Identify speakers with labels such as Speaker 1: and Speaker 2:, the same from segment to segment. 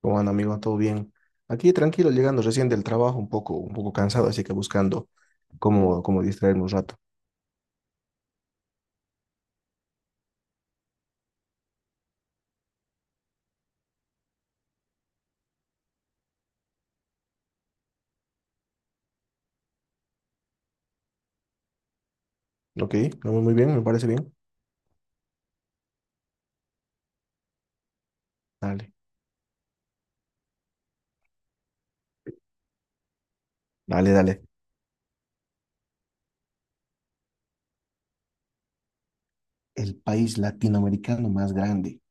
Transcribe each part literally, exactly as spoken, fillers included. Speaker 1: Como anda, amigo? ¿Todo bien? Aquí tranquilo, llegando recién del trabajo, un poco, un poco cansado, así que buscando cómo, cómo distraerme un rato. ¿Ok? ¿No? Muy muy bien, me parece bien. Dale, dale, dale. El país latinoamericano más grande.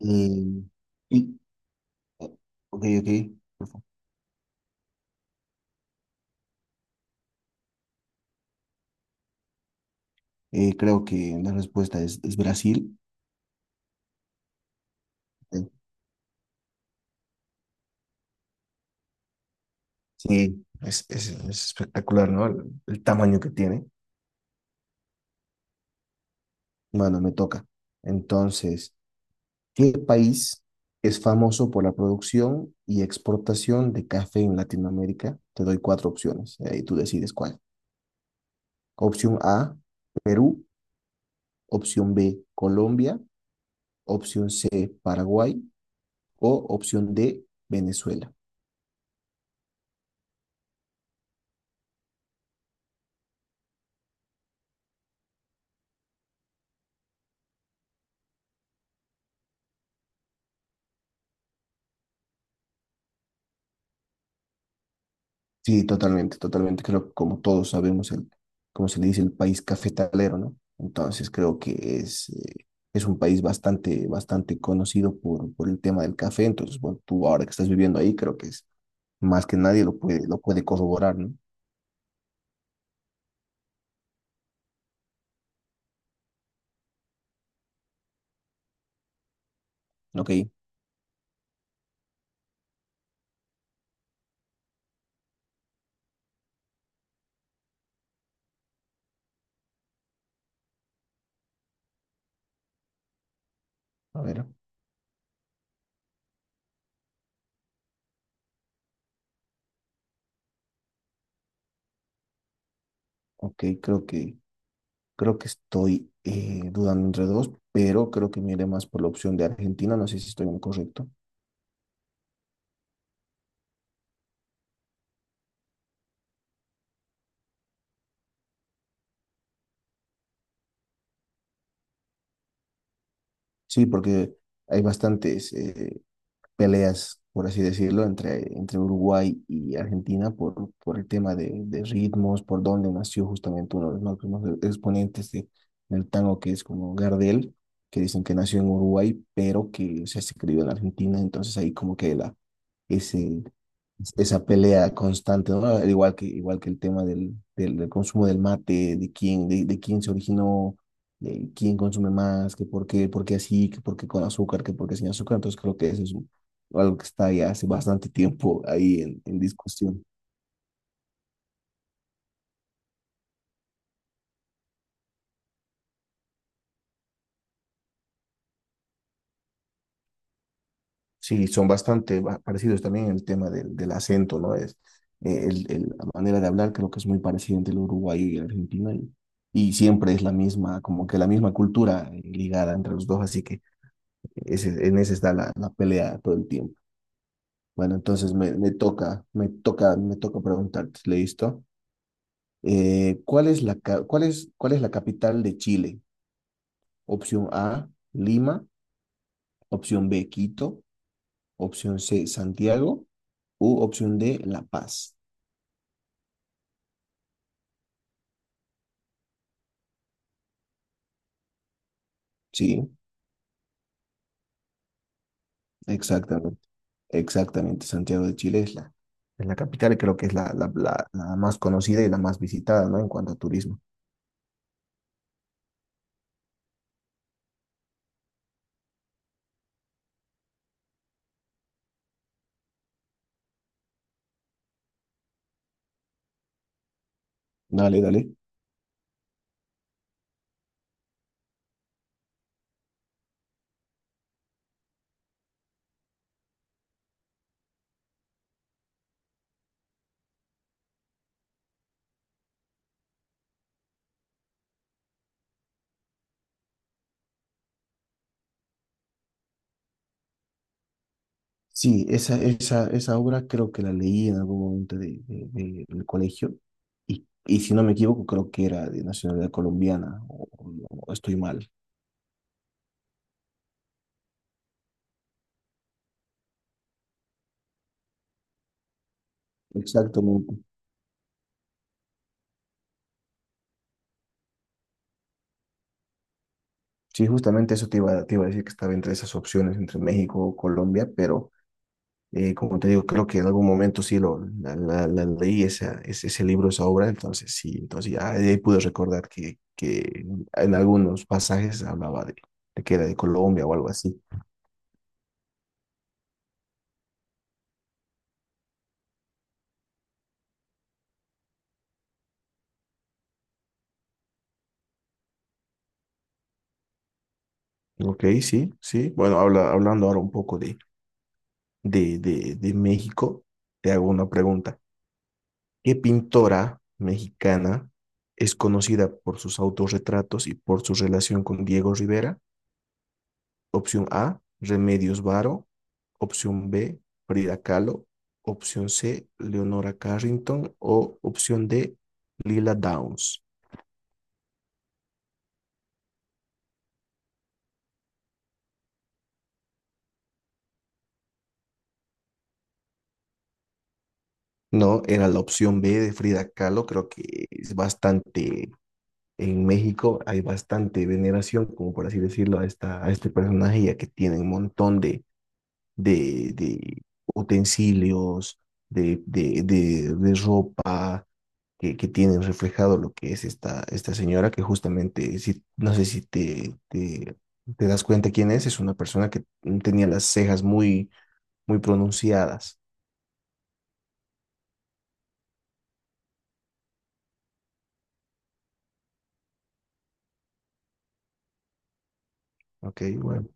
Speaker 1: Eh, y- ok, ok. Por favor. Eh, creo que la respuesta es, es Brasil. Eh, Sí, es, es- es espectacular, ¿no? El, el tamaño que tiene. Bueno, me toca. Entonces, ¿qué país es famoso por la producción y exportación de café en Latinoamérica? Te doy cuatro opciones, eh, y tú decides cuál. Opción A, Perú. Opción B, Colombia. Opción C, Paraguay. O opción D, Venezuela. Sí, totalmente, totalmente. Creo que como todos sabemos, el, como se le dice, el país cafetalero, ¿no? Entonces creo que es, eh, es un país bastante, bastante conocido por, por el tema del café. Entonces, bueno, tú ahora que estás viviendo ahí, creo que es más que nadie lo puede, lo puede corroborar, ¿no? Ok, a ver, ok, creo que, creo que estoy eh, dudando entre dos, pero creo que me iré más por la opción de Argentina, no sé si estoy en lo correcto. Sí, porque hay bastantes eh, peleas, por así decirlo, entre, entre Uruguay y Argentina por, por el tema de, de ritmos, por donde nació justamente uno de los máximos exponentes de- del tango, que es como Gardel, que dicen que nació en Uruguay, pero que se ha escrito en Argentina, entonces ahí como que la, ese, esa pelea constante, ¿no? Al Igual que, igual que el tema del, del, del consumo del mate, de quién, de, de quién se originó, de quién consume más, que por qué, por qué así, que por qué con azúcar, que por qué sin azúcar. Entonces creo que eso es o algo que está ya hace bastante tiempo ahí en, en discusión. Sí, son bastante ba- parecidos también en el tema del, del acento, ¿no? Es, eh, el, el- la manera de hablar creo que es muy parecida entre el uruguayo y el argentino y, y siempre es la misma, como que la misma cultura eh, ligada entre los dos, así que ese, en ese está la, la pelea todo el tiempo. Bueno, entonces me, me toca, me toca, me toca preguntarte, ¿listo? Eh, ¿cuál es la, ca- cuál es, cuál es la capital de Chile? Opción A, Lima. Opción B, Quito. Opción C, Santiago. U opción D, La Paz. Sí, exactamente. Exactamente. Santiago de Chile es la, es la capital y creo que es la, la, la- la más conocida y la más visitada, ¿no? En cuanto a turismo. Dale, dale. Sí, esa, esa, esa obra creo que la leí en algún momento de, de- de- del colegio. Y, y si no me equivoco, creo que era de nacionalidad colombiana o, o- o estoy mal. Exactamente. Sí, justamente eso te iba, te iba a decir que estaba entre esas opciones, entre México o Colombia, pero Eh, como te digo, creo que en algún momento sí lo, la, la- la leí esa, ese, ese libro, esa obra, entonces sí, entonces ya de ahí pude recordar que, que en algunos pasajes hablaba de, de que era de Colombia o algo así. Ok, sí, sí. Bueno, habla, hablando ahora un poco de, de, de, de México, te hago una pregunta. ¿Qué pintora mexicana es conocida por sus autorretratos y por su relación con Diego Rivera? Opción A, Remedios Varo. Opción B, Frida Kahlo. Opción C, Leonora Carrington. O opción D, Lila Downs. No, era la opción B de Frida Kahlo. Creo que es bastante, en México hay bastante veneración, como por así decirlo, a, esta, a este personaje, ya que tiene un montón de, de, de utensilios, de, de, de, de ropa, que, que tienen reflejado lo que es esta, esta señora, que justamente, si, no sé si te, te, te das cuenta quién es, es una persona que tenía las cejas muy, muy pronunciadas. Ok, bueno,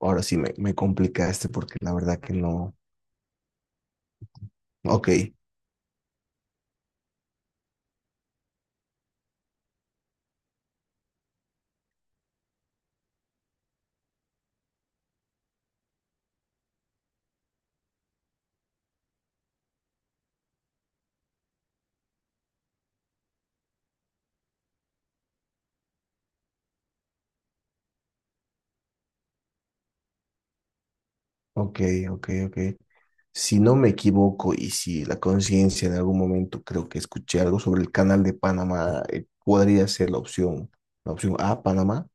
Speaker 1: ahora sí me, me complicaste porque la verdad que no. Ok, ok, ok, ok. Si no me equivoco y si la conciencia en algún momento creo que escuché algo sobre el canal de Panamá, eh, podría ser la opción, la opción A, Panamá.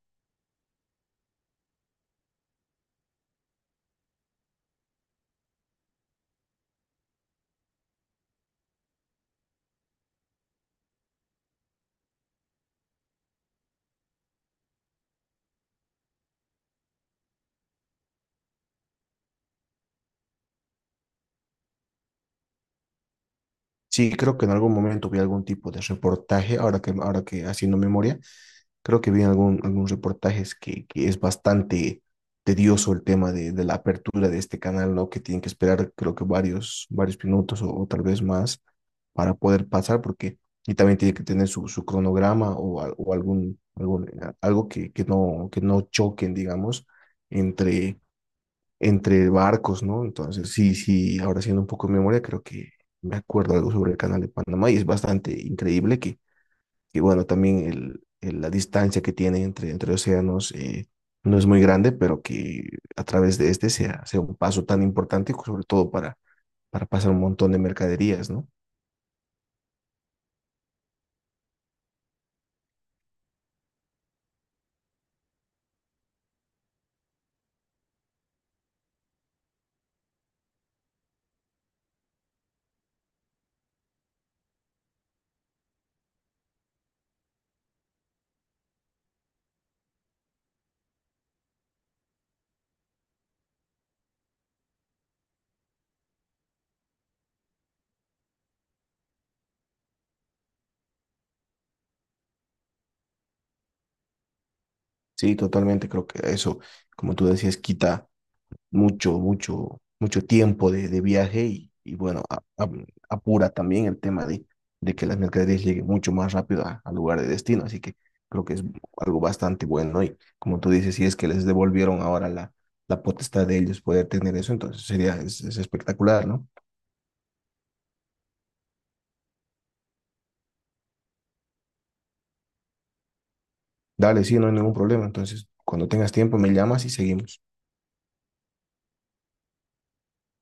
Speaker 1: Sí, creo que en algún momento vi algún tipo de reportaje, ahora que, ahora que haciendo memoria, creo que vi algún, algún reportaje es que, que es bastante tedioso el tema de, de la apertura de este canal, ¿no? Que tienen que esperar creo que varios, varios minutos o, o tal vez más para poder pasar, porque y también tiene que tener su, su cronograma o, al- o algún, algún, algo que, que no, que no choquen, digamos, entre entre barcos, ¿no? Entonces, sí, sí, ahora haciendo un poco de memoria, creo que me acuerdo algo sobre el canal de Panamá y es bastante increíble que, que bueno, también el, el- la distancia que tiene entre, entre océanos eh, no es muy grande, pero que a través de este sea, sea un paso tan importante, sobre todo para, para pasar un montón de mercaderías, ¿no? Sí, totalmente, creo que eso, como tú decías, quita mucho, mucho, mucho tiempo de, de viaje y, y bueno, a- a- apura también el tema de, de que las mercaderías lleguen mucho más rápido a- al lugar de destino. Así que creo que es algo bastante bueno, ¿no? Y como tú dices, si es que les devolvieron ahora la, la potestad de ellos poder tener eso, entonces sería es, es espectacular, ¿no? Dale, sí, no hay ningún problema. Entonces, cuando tengas tiempo, me llamas y seguimos.